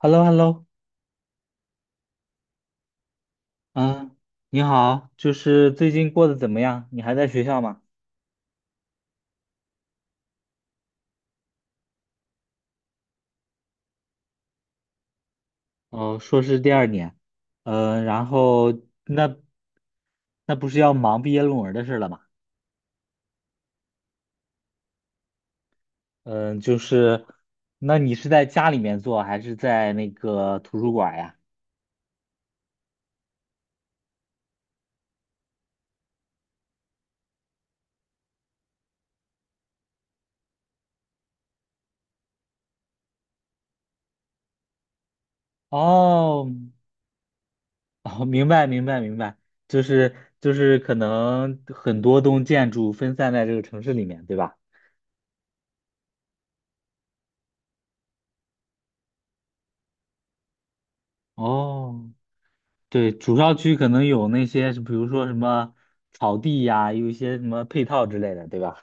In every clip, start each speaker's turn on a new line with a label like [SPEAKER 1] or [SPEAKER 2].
[SPEAKER 1] h e l l o h e l l o 嗯，你好，就是最近过得怎么样？你还在学校吗？哦，硕士第二年。然后那那不是要忙毕业论文的事了吗？嗯、就是那你是在家里面做还是在那个图书馆呀？哦，哦，明白明白明白，就是可能很多栋建筑分散在这个城市里面，对吧？哦。对，主校区可能有那些，比如说什么草地呀，有一些什么配套之类的，对吧？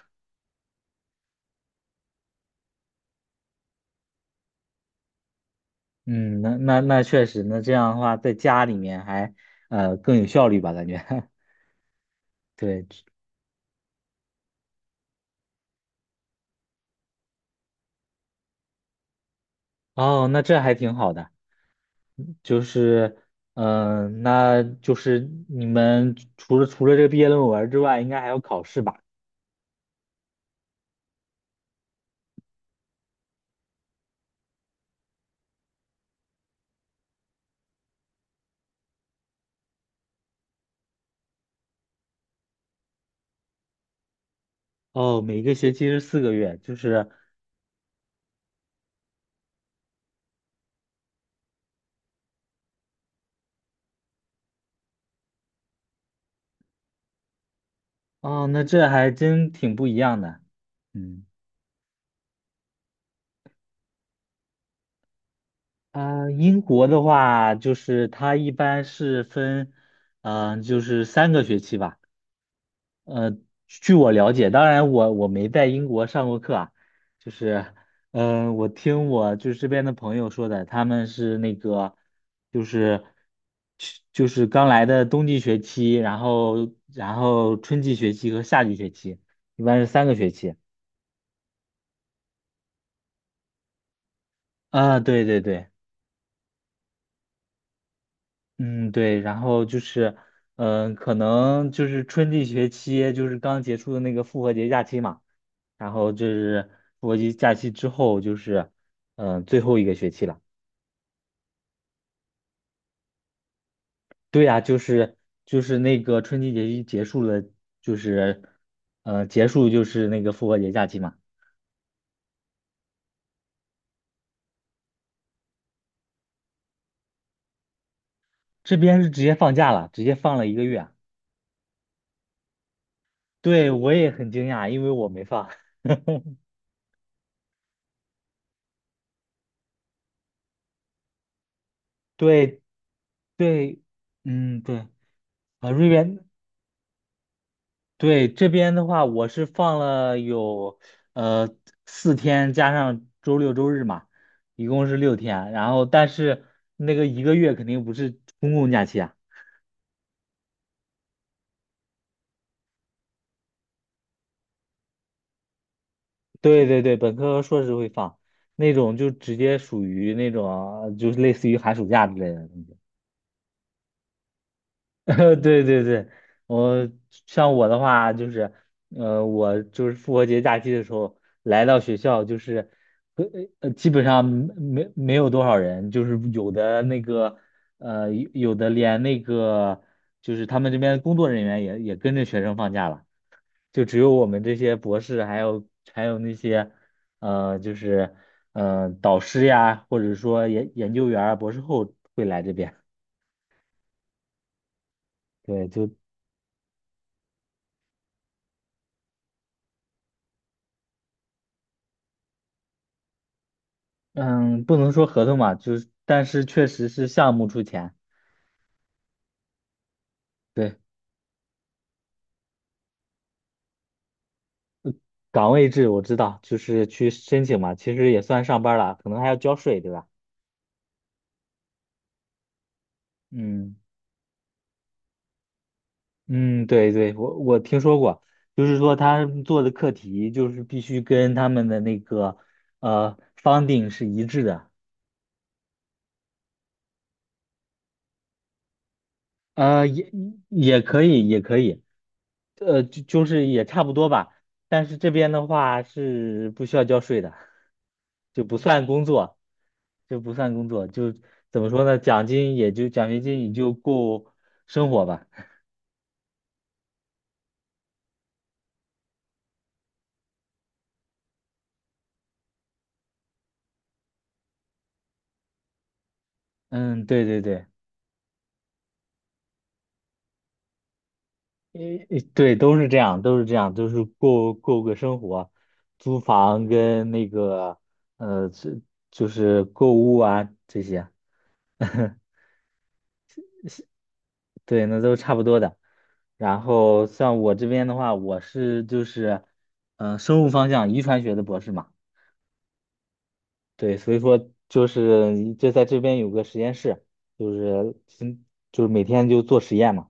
[SPEAKER 1] 嗯，那确实，那这样的话，在家里面还更有效率吧，感觉。对，哦，那这还挺好的，就是。那就是你们除了这个毕业论文之外，应该还有考试吧？哦，每个学期是4个月，就是。哦，那这还真挺不一样的。嗯。啊，英国的话，就是它一般是分，就是三个学期吧。呃，据我了解，当然我没在英国上过课啊，就是。我听我就是这边的朋友说的，他们是那个，就是就是刚来的冬季学期，然后春季学期和夏季学期，一般是三个学期。啊，对对对。嗯，对，然后就是。可能就是春季学期，就是刚结束的那个复活节假期嘛，然后就是复活节假期之后，就是。最后一个学期了。对呀，就是那个春季学期结束了，就是。结束就是那个复活节假期嘛，这边是直接放假了，直接放了一个月啊。对，我也很惊讶，因为我没放。对，对，嗯，对，啊，瑞典。对，这边的话，我是放了有呃4天，加上周六周日嘛，一共是6天。然后，但是那个一个月肯定不是公共假期啊。对对对，本科和硕士会放，那种就直接属于那种就是类似于寒暑假之类的。对对对，我像我的话就是。我就是复活节假期的时候来到学校，就是。呃基本上没有多少人，就是有的那个有的连那个就是他们这边工作人员也跟着学生放假了，就只有我们这些博士，还有那些就是导师呀，或者说研究员儿，博士后会来这边。对，就嗯，不能说合同嘛，就是但是确实是项目出钱。对，岗位制我知道，就是去申请嘛，其实也算上班了，可能还要交税，对吧？嗯嗯，对对，我听说过，就是说他们做的课题就是必须跟他们的那个呃 funding 是一致的。呃也也可以也可以。就是也差不多吧，但是这边的话是不需要交税的，就不算工作，就不算工作，就怎么说呢。奖学金也就够生活吧。嗯，对对对，诶，诶对，都是这样，都是这样，都是过个生活，租房跟那个呃，这就是购物啊这些。对，那都差不多的。然后像我这边的话，我就是，生物方向遗传学的博士嘛。对，所以说就是就在这边有个实验室，就是嗯就是每天就做实验嘛。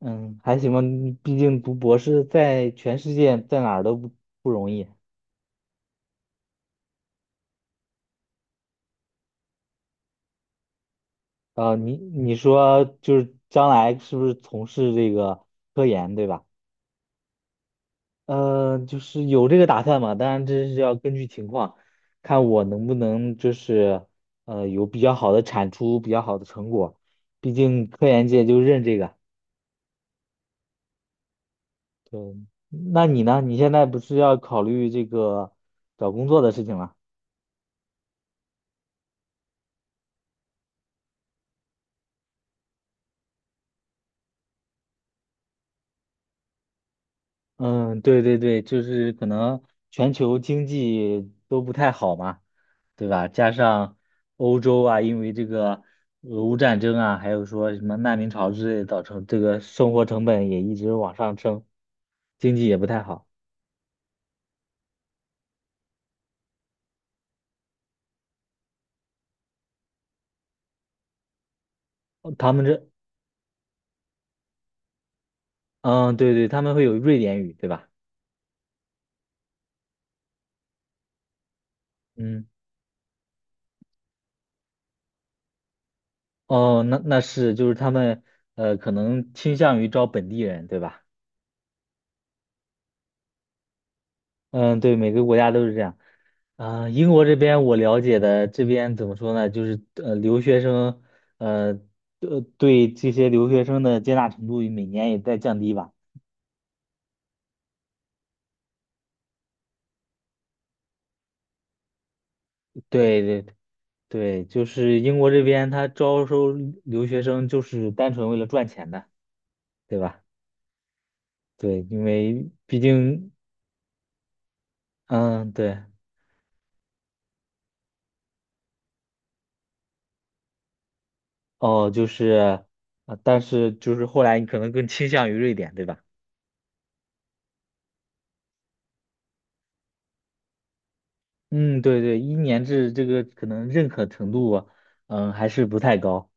[SPEAKER 1] 嗯，还行吧，你毕竟读博士在全世界在哪儿都不容易。你说就是将来是不是从事这个科研，对吧？嗯，就是有这个打算嘛，当然这是要根据情况，看我能不能就是有比较好的产出，比较好的成果。毕竟科研界就认这个。对，那你呢？你现在不是要考虑这个找工作的事情了？嗯，对对对，就是可能全球经济都不太好嘛，对吧？加上欧洲啊，因为这个俄乌战争啊，还有说什么难民潮之类，造成这个生活成本也一直往上升，经济也不太好。哦他们这。嗯，对对，他们会有瑞典语，对吧？嗯，哦，那是，就是他们可能倾向于招本地人，对吧？嗯，对，每个国家都是这样。啊，英国这边我了解的，这边怎么说呢？就是留学生。呃，对这些留学生的接纳程度每年也在降低吧。对对对，就是英国这边他招收留学生就是单纯为了赚钱的，对吧？对，因为毕竟。嗯，对，哦，就是。啊，但是就是后来你可能更倾向于瑞典，对吧？嗯，对对，一年制这个可能认可程度啊。还是不太高。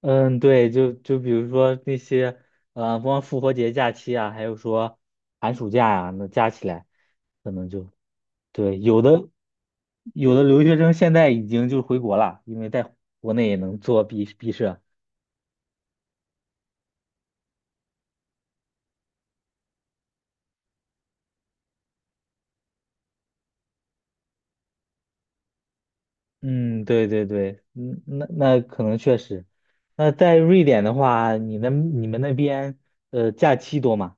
[SPEAKER 1] 嗯，对，就比如说那些。光复活节假期啊，还有说寒暑假呀，那加起来，可能就对，有的留学生现在已经就回国了，因为在国内也能做毕设。嗯，对对对，嗯，那可能确实。那在瑞典的话，那你们那边假期多吗？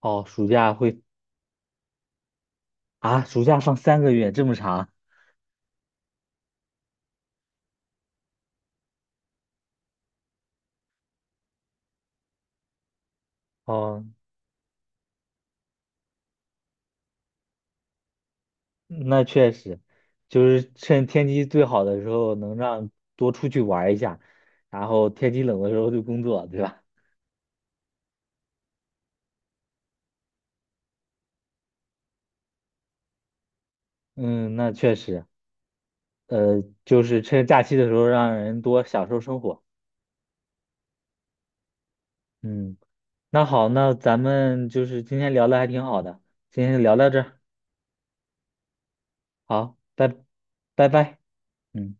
[SPEAKER 1] 哦，暑假会。啊，暑假放3个月，这么长？哦，那确实，就是趁天气最好的时候，能让多出去玩儿一下，然后天气冷的时候就工作，对吧？嗯，那确实。就是趁假期的时候让人多享受生活。嗯，那好，那咱们就是今天聊的还挺好的，今天就聊到这儿，好，拜拜。嗯。